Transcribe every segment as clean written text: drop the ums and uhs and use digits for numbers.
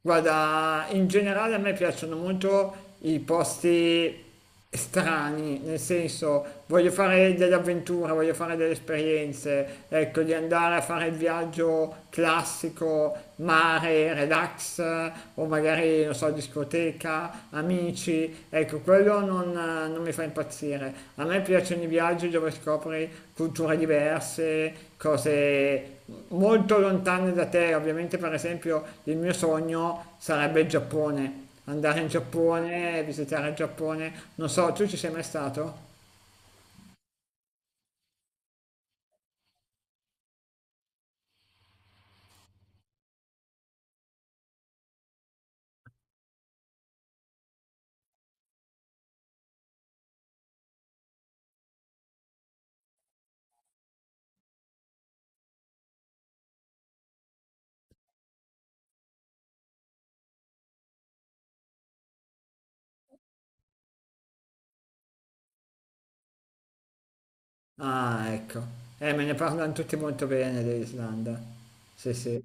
Guarda, in generale a me piacciono molto i posti strani, nel senso voglio fare delle avventure, voglio fare delle esperienze, ecco, di andare a fare il viaggio classico, mare, relax, o magari, non so, discoteca, amici, ecco, quello non mi fa impazzire. A me piacciono i viaggi dove scopri culture diverse, cose molto lontane da te, ovviamente per esempio il mio sogno sarebbe il Giappone, andare in Giappone, visitare il Giappone, non so, tu ci sei mai stato? Ah, ecco, me ne parlano tutti molto bene dell'Islanda, sì sì,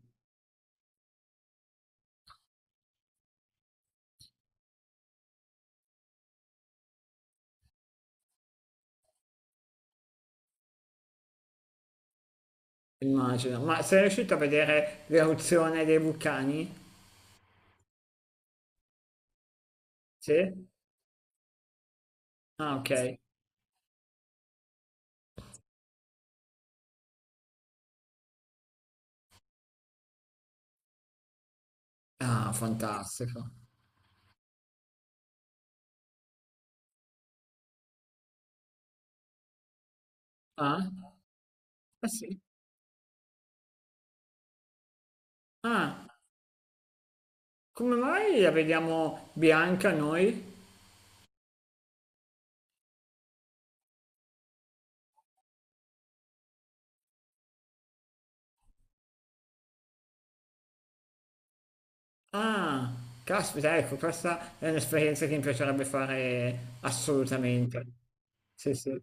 immagino, ma sei riuscito a vedere l'eruzione dei vulcani? Sì? Ah, ok, ah, fantastico, ah, ah sì, ah, come mai la vediamo bianca noi? Ah, caspita, ecco, questa è un'esperienza che mi piacerebbe fare assolutamente. Sì, sì.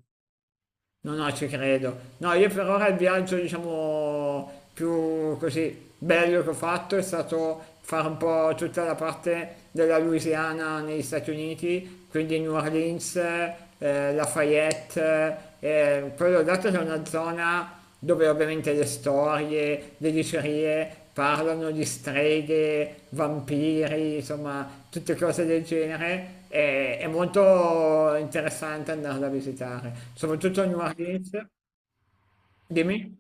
No, no, ci credo. No, io per ora il viaggio, diciamo, più così bello che ho fatto è stato fare un po' tutta la parte della Louisiana negli Stati Uniti, quindi New Orleans, Lafayette, quello dato che è una zona dove ovviamente le storie, le dicerie parlano di streghe, vampiri, insomma, tutte cose del genere. È molto interessante andarla a visitare, soprattutto a New Orleans. Dimmi,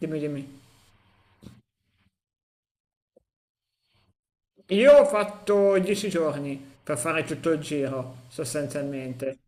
dimmi, dimmi. Io ho fatto 10 giorni per fare tutto il giro, sostanzialmente.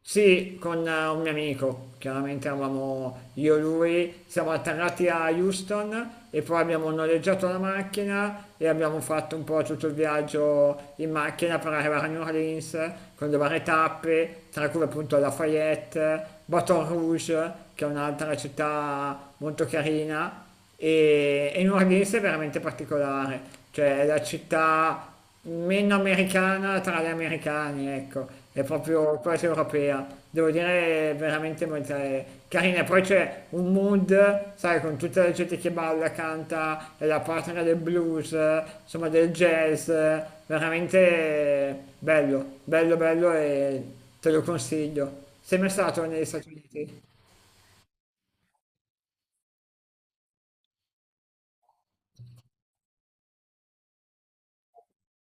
Sì, con un mio amico, chiaramente eravamo io e lui, siamo atterrati a Houston e poi abbiamo noleggiato la macchina e abbiamo fatto un po' tutto il viaggio in macchina per arrivare a New Orleans con le varie tappe, tra cui appunto Lafayette, Baton Rouge, che è un'altra città molto carina e Nordis è veramente particolare, cioè è la città meno americana tra gli americani, ecco, è proprio quasi europea, devo dire è veramente molto è carina. E poi c'è un mood, sai, con tutta la gente che balla, canta, è la patria del blues, insomma del jazz, veramente bello, bello, bello e te lo consiglio. Sei mai stato negli Stati Uniti?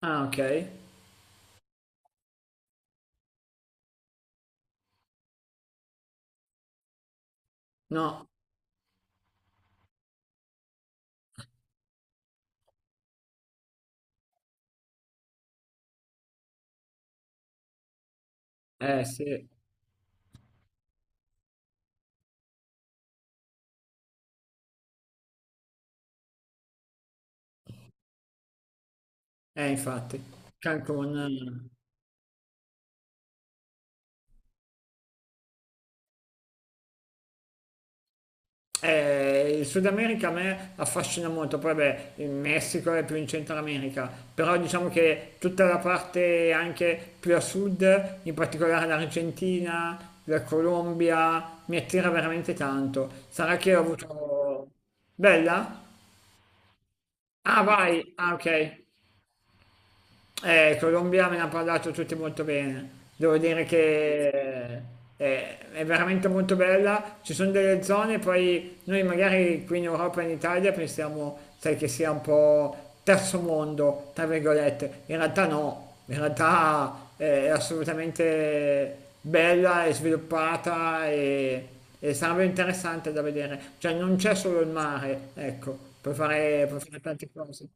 Ah, ok. No, eh sì. Infatti, Cancun, il Sud America a me affascina molto, poi beh, il Messico è più in Centro America, però diciamo che tutta la parte anche più a sud, in particolare l'Argentina, la Colombia, mi attira veramente tanto. Sarà che ho avuto. Bella? Ah, vai! Ah, ok. Il Colombia me ne ha parlato tutti molto bene. Devo dire che è veramente molto bella. Ci sono delle zone, poi noi magari qui in Europa e in Italia pensiamo, sai, che sia un po' terzo mondo, tra virgolette. In realtà no, in realtà è assolutamente bella e sviluppata e sarebbe interessante da vedere. Cioè non c'è solo il mare, ecco, puoi fare tante cose.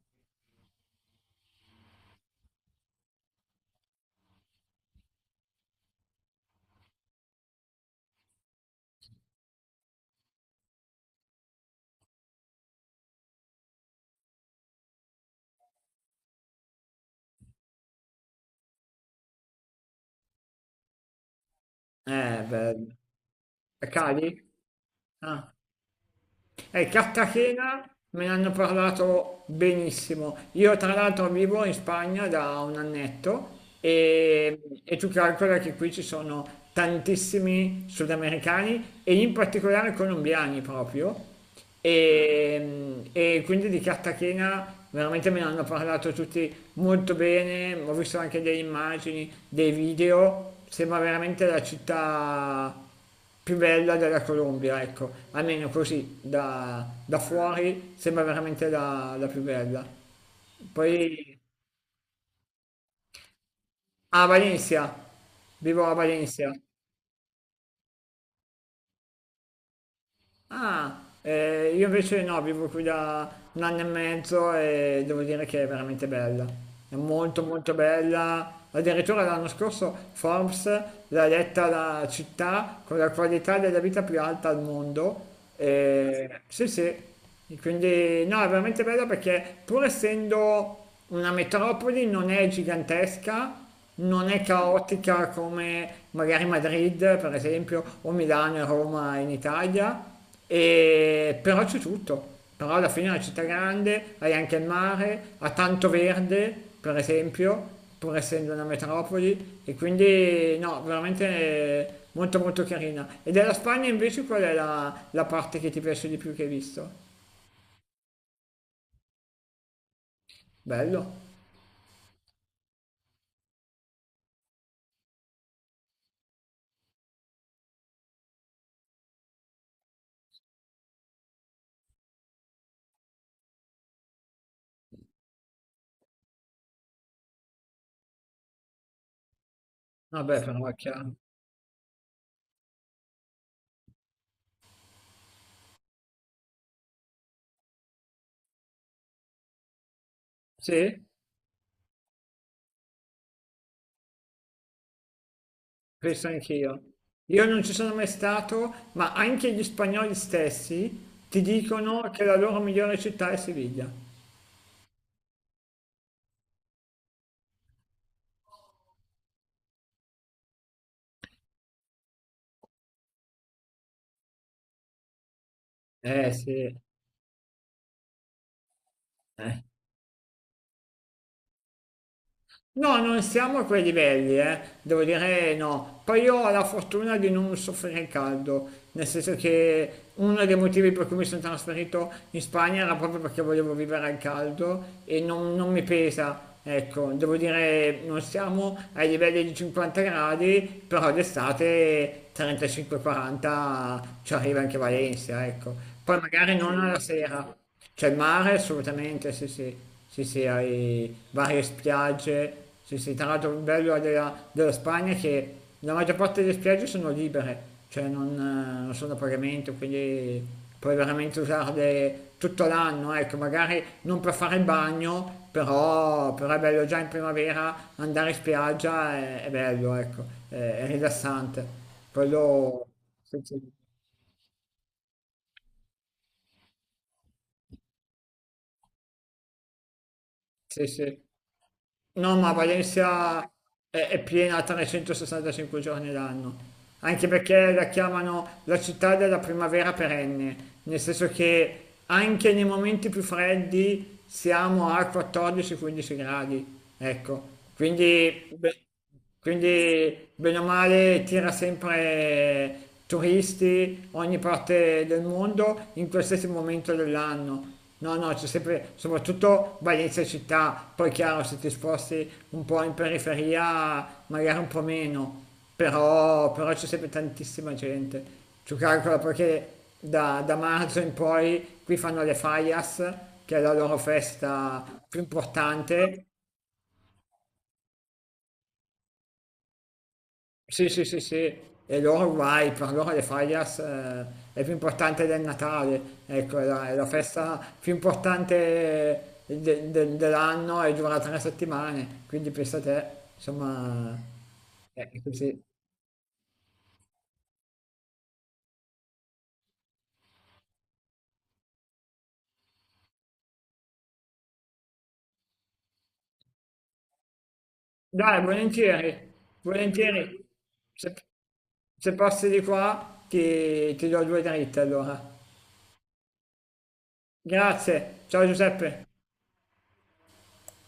Bello. A Cali? Ah, Cartagena me ne hanno parlato benissimo. Io tra l'altro vivo in Spagna da un annetto e, e tu calcola che qui ci sono tantissimi sudamericani e in particolare colombiani proprio. E quindi di Cartagena veramente me ne hanno parlato tutti molto bene, ho visto anche delle immagini, dei video, sembra veramente la città più bella della Colombia, ecco, almeno così da fuori sembra veramente la più bella. Poi a Valencia, vivo a Valencia. Ah, io invece no, vivo qui da un anno e mezzo e devo dire che è veramente bella. È molto molto bella. Addirittura l'anno scorso Forbes l'ha eletta la città con la qualità della vita più alta al mondo. E, sì, sì. E quindi no, è veramente bella perché pur essendo una metropoli non è gigantesca, non è caotica come magari Madrid, per esempio, o Milano e Roma in Italia. Però c'è tutto. Però alla fine è una città grande, hai anche il mare, ha tanto verde, per esempio, pur essendo una metropoli, e quindi no, veramente molto molto carina. E della Spagna invece qual è la parte che ti piace di più che hai visto? Bello. Vabbè, però è chiaro. Sì, penso anch'io. Io non ci sono mai stato, ma anche gli spagnoli stessi ti dicono che la loro migliore città è Siviglia. Eh sì, eh. No, non siamo a quei livelli, eh. Devo dire no. Poi io ho la fortuna di non soffrire il caldo, nel senso che uno dei motivi per cui mi sono trasferito in Spagna era proprio perché volevo vivere al caldo e non mi pesa. Ecco, devo dire non siamo ai livelli di 50 gradi, però d'estate 35-40 ci arriva anche Valencia, ecco. Poi magari non alla sera. C'è il mare assolutamente, sì sì, sì sì, hai varie spiagge, sì sì, tra l'altro il bello della Spagna è che la maggior parte delle spiagge sono libere, cioè non sono a pagamento, quindi puoi veramente usarle tutto l'anno, ecco, magari non per fare il bagno, però è bello già in primavera andare in spiaggia, è bello, ecco, è rilassante, quello sì sì, sì, sì. No, ma Valencia è piena 365 giorni l'anno, anche perché la chiamano la città della primavera perenne, nel senso che anche nei momenti più freddi siamo a 14-15 gradi, ecco, quindi beh, quindi, bene o male, tira sempre turisti, ogni parte del mondo, in qualsiasi momento dell'anno. No, no, c'è sempre, soprattutto Valencia città, poi chiaro, se ti sposti un po' in periferia, magari un po' meno, però c'è sempre tantissima gente. Tu calcola perché da marzo in poi qui fanno le Fallas, che è la loro festa più importante. Sì, sì, sì, sì, e loro vai, per loro le Fallas è più importante del Natale, ecco, è la festa più importante dell'anno e dura tre settimane, quindi pensa te, insomma, è così. Dai, volentieri, volentieri, se, se passi di qua ti do due dritte allora. Grazie, ciao Giuseppe.